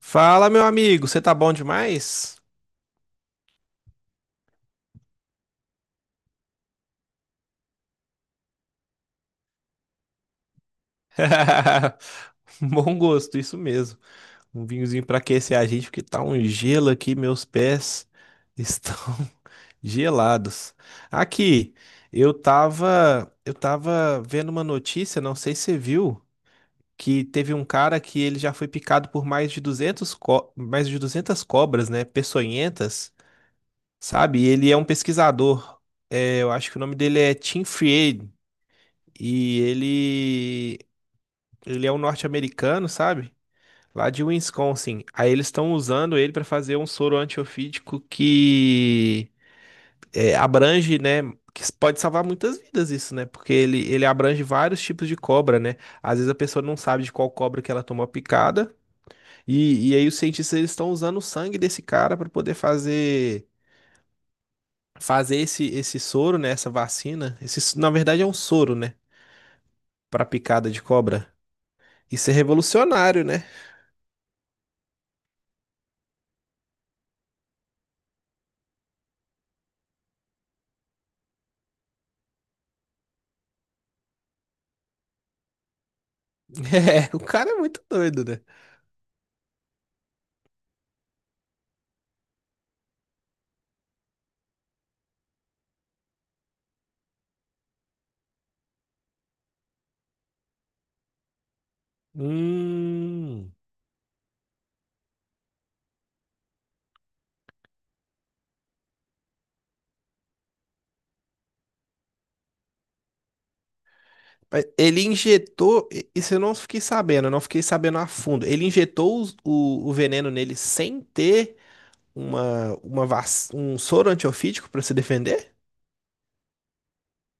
Fala, meu amigo, você tá bom demais? Bom gosto, isso mesmo. Um vinhozinho pra aquecer a gente, porque tá um gelo aqui, meus pés estão gelados. Aqui, eu tava vendo uma notícia, não sei se você viu, que teve um cara que ele já foi picado por mais de mais de 200 cobras, né, peçonhentas, sabe? E ele é um pesquisador. É, eu acho que o nome dele é Tim Fried. E ele Ele é um norte-americano, sabe? Lá de Wisconsin. Aí eles estão usando ele para fazer um soro antiofídico que abrange, né? Que pode salvar muitas vidas isso, né? Porque ele abrange vários tipos de cobra, né? Às vezes a pessoa não sabe de qual cobra que ela tomou a picada. E aí os cientistas eles estão usando o sangue desse cara para poder fazer esse soro, né? Essa vacina. Na verdade é um soro, né? Para picada de cobra. Isso é revolucionário, né? É, o cara é muito doido, né? Hum. Mas isso eu não fiquei sabendo, eu não fiquei sabendo a fundo. Ele injetou o veneno nele sem ter um soro antiofídico para se defender?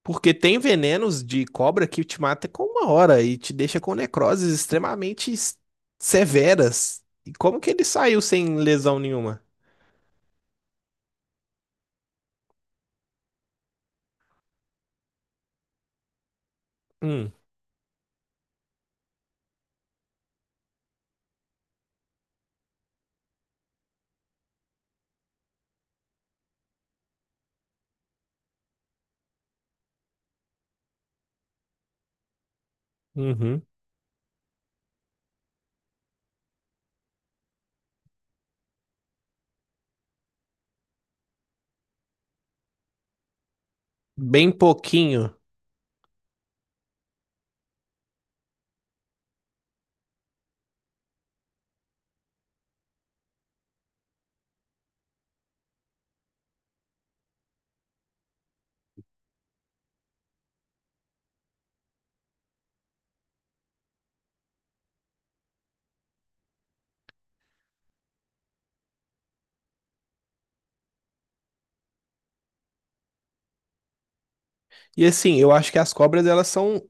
Porque tem venenos de cobra que te mata com uma hora e te deixa com necroses extremamente severas. E como que ele saiu sem lesão nenhuma? Hum, uhum. Bem pouquinho. E assim, eu acho que as cobras, elas são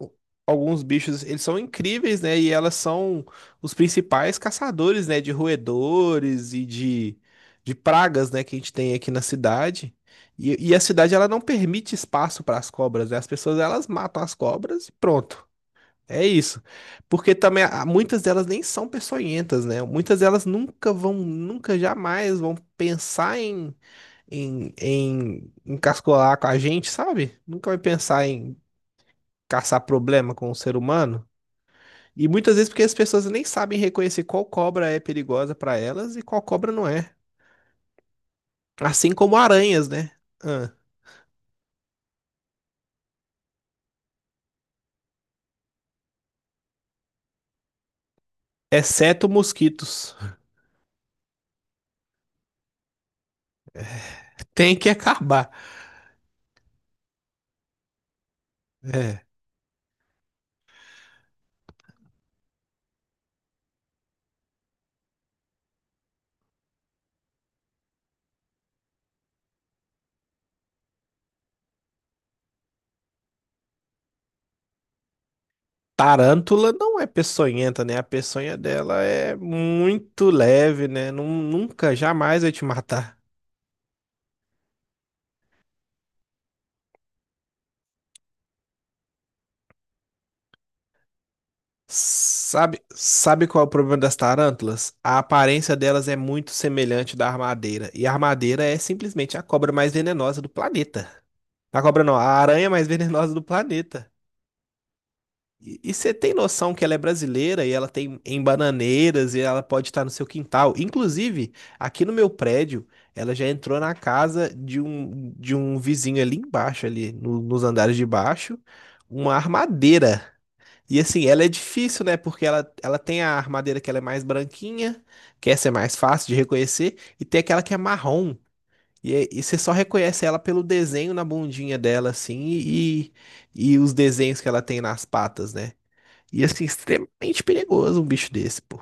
alguns bichos, eles são incríveis, né? E elas são os principais caçadores, né? De roedores de pragas, né? Que a gente tem aqui na cidade. E a cidade, ela não permite espaço para as cobras, né? As pessoas, elas matam as cobras e pronto. É isso. Porque também muitas delas nem são peçonhentas, né? Muitas delas nunca jamais vão pensar em encascolar com a gente, sabe? Nunca vai pensar em caçar problema com o ser humano. E muitas vezes porque as pessoas nem sabem reconhecer qual cobra é perigosa para elas e qual cobra não é. Assim como aranhas, né? Ah, exceto mosquitos. Tem que acabar. É. Tarântula não é peçonhenta, né? A peçonha dela é muito leve, né? Nunca, jamais vai te matar. Sabe, sabe qual é o problema das tarântulas? A aparência delas é muito semelhante da armadeira. E a armadeira é simplesmente a cobra mais venenosa do planeta. A cobra não, a aranha mais venenosa do planeta. E você tem noção que ela é brasileira e ela tem em bananeiras e ela pode estar no seu quintal. Inclusive, aqui no meu prédio, ela já entrou na casa de um vizinho ali embaixo, ali nos andares de baixo, uma armadeira. E assim, ela é difícil, né? Porque ela tem a armadeira que ela é mais branquinha, que essa é mais fácil de reconhecer, e tem aquela que é marrom. E você só reconhece ela pelo desenho na bundinha dela, assim, e os desenhos que ela tem nas patas, né? E, assim, extremamente perigoso um bicho desse, pô.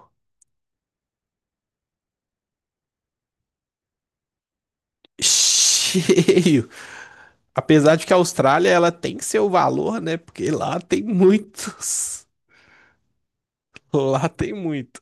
Cheio. Apesar de que a Austrália, ela tem seu valor, né? Porque lá tem muitos. Lá tem muito.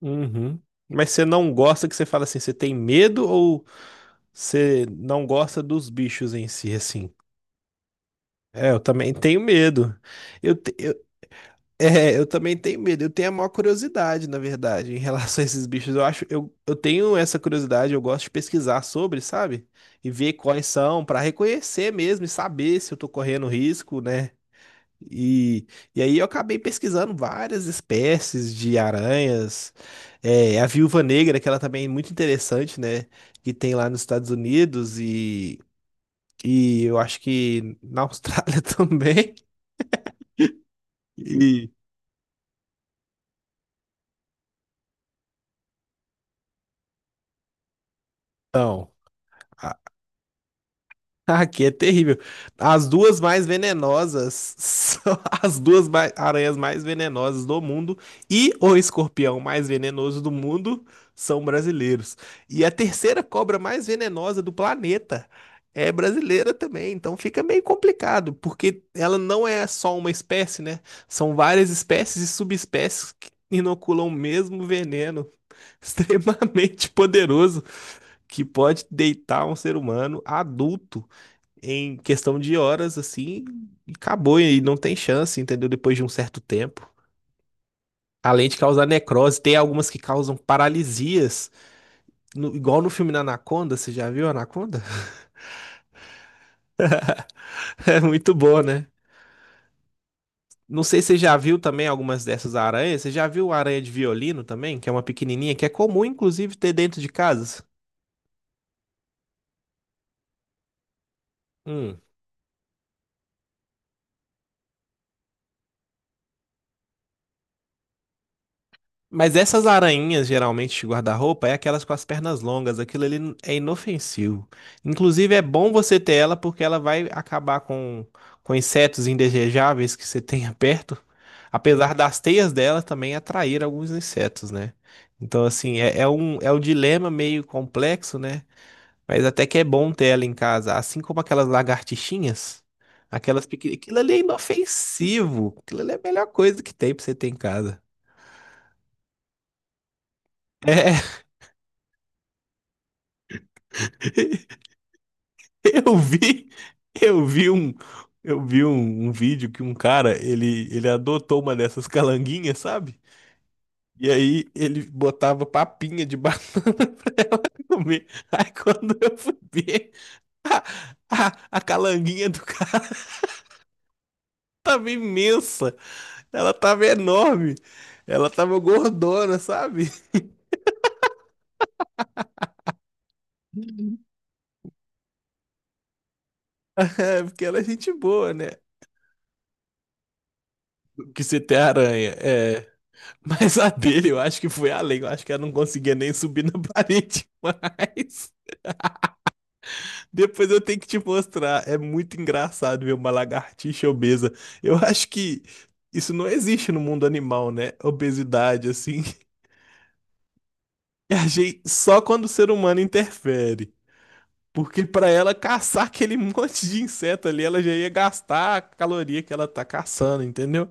Uhum. Mas você não gosta que você fala assim, você tem medo ou você não gosta dos bichos em si, assim? É, eu também tenho medo. Eu, te- eu, É, eu também tenho medo. Eu tenho a maior curiosidade, na verdade, em relação a esses bichos. Eu tenho essa curiosidade, eu gosto de pesquisar sobre, sabe? E ver quais são, pra reconhecer mesmo e saber se eu tô correndo risco, né? E, e aí eu acabei pesquisando várias espécies de aranhas. É, a viúva negra, que ela também é muito interessante, né? Que tem lá nos Estados Unidos e eu acho que na Austrália também. E, então. Aqui é terrível. As duas mais venenosas são as aranhas mais venenosas do mundo e o escorpião mais venenoso do mundo são brasileiros. E a terceira cobra mais venenosa do planeta é brasileira também. Então fica meio complicado, porque ela não é só uma espécie, né? São várias espécies e subespécies que inoculam o mesmo veneno extremamente poderoso que pode deitar um ser humano adulto em questão de horas, assim, e acabou e não tem chance, entendeu? Depois de um certo tempo. Além de causar necrose, tem algumas que causam paralisias, igual no filme da Anaconda, você já viu Anaconda? É muito boa, né? Não sei se você já viu também algumas dessas aranhas. Você já viu a aranha de violino também, que é uma pequenininha, que é comum, inclusive, ter dentro de casa? Mas essas aranhas, geralmente, de guarda-roupa, é aquelas com as pernas longas. Aquilo ali é inofensivo. Inclusive, é bom você ter ela porque ela vai acabar com insetos indesejáveis que você tenha perto. Apesar das teias dela também atrair alguns insetos, né? Então, assim, é um dilema meio complexo, né? Mas até que é bom ter ela em casa. Assim como aquelas lagartixinhas, aquelas pequenas. Aquilo ali é inofensivo. Aquilo ali é a melhor coisa que tem pra você ter em casa. É. Eu vi, eu vi um, eu vi um, um vídeo que um cara, ele adotou uma dessas calanguinhas, sabe? E aí ele botava papinha de banana pra ela comer. Aí quando eu fui ver, a, a calanguinha do cara tava imensa, ela tava enorme, ela tava gordona, sabe? porque ela é gente boa, né? Que você tem aranha, é. Mas a dele, eu acho que foi além. Eu acho que ela não conseguia nem subir na parede mais. Depois eu tenho que te mostrar. É muito engraçado ver uma lagartixa obesa. Eu acho que isso não existe no mundo animal, né? Obesidade, assim. Eu achei só quando o ser humano interfere. Porque para ela caçar aquele monte de inseto ali, ela já ia gastar a caloria que ela tá caçando, entendeu?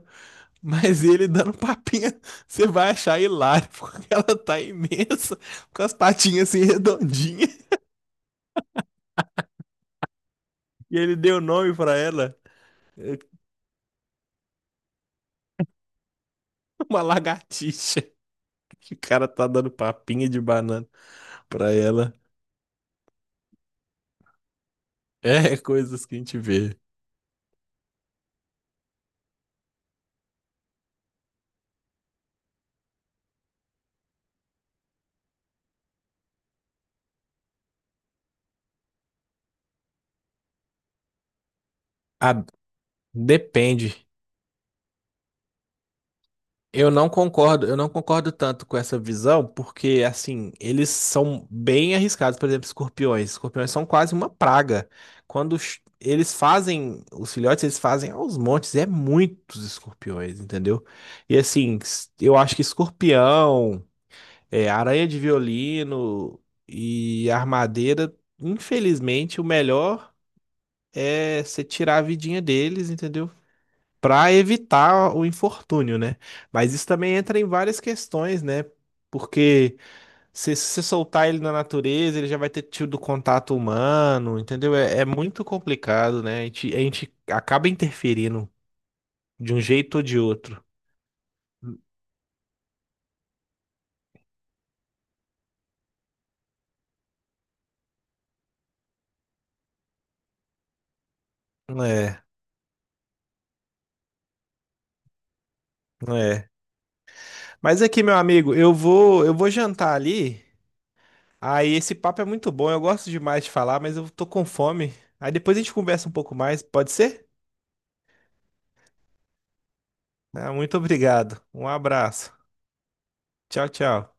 Mas ele dando papinha, você vai achar hilário, porque ela tá imensa, com as patinhas assim redondinhas. E ele deu nome pra ela, eh, uma lagartixa. Que o cara tá dando papinha de banana pra ela. É coisas que a gente vê. Ah, depende. Eu não concordo tanto com essa visão, porque assim, eles são bem arriscados, por exemplo, escorpiões. Escorpiões são quase uma praga. Eles fazem, os filhotes, eles fazem aos montes, é muitos escorpiões, entendeu? E assim, eu acho que escorpião, é, aranha de violino e armadeira, infelizmente, o melhor é você tirar a vidinha deles, entendeu? Para evitar o infortúnio, né? Mas isso também entra em várias questões, né? Porque se você soltar ele na natureza, ele já vai ter tido contato humano, entendeu? É, é muito complicado, né? A gente acaba interferindo de um jeito ou de outro. É, é. Mas aqui, meu amigo, eu vou jantar ali. Aí esse papo é muito bom, eu gosto demais de falar, mas eu tô com fome. Aí depois a gente conversa um pouco mais, pode ser? Ah, muito obrigado. Um abraço. Tchau, tchau.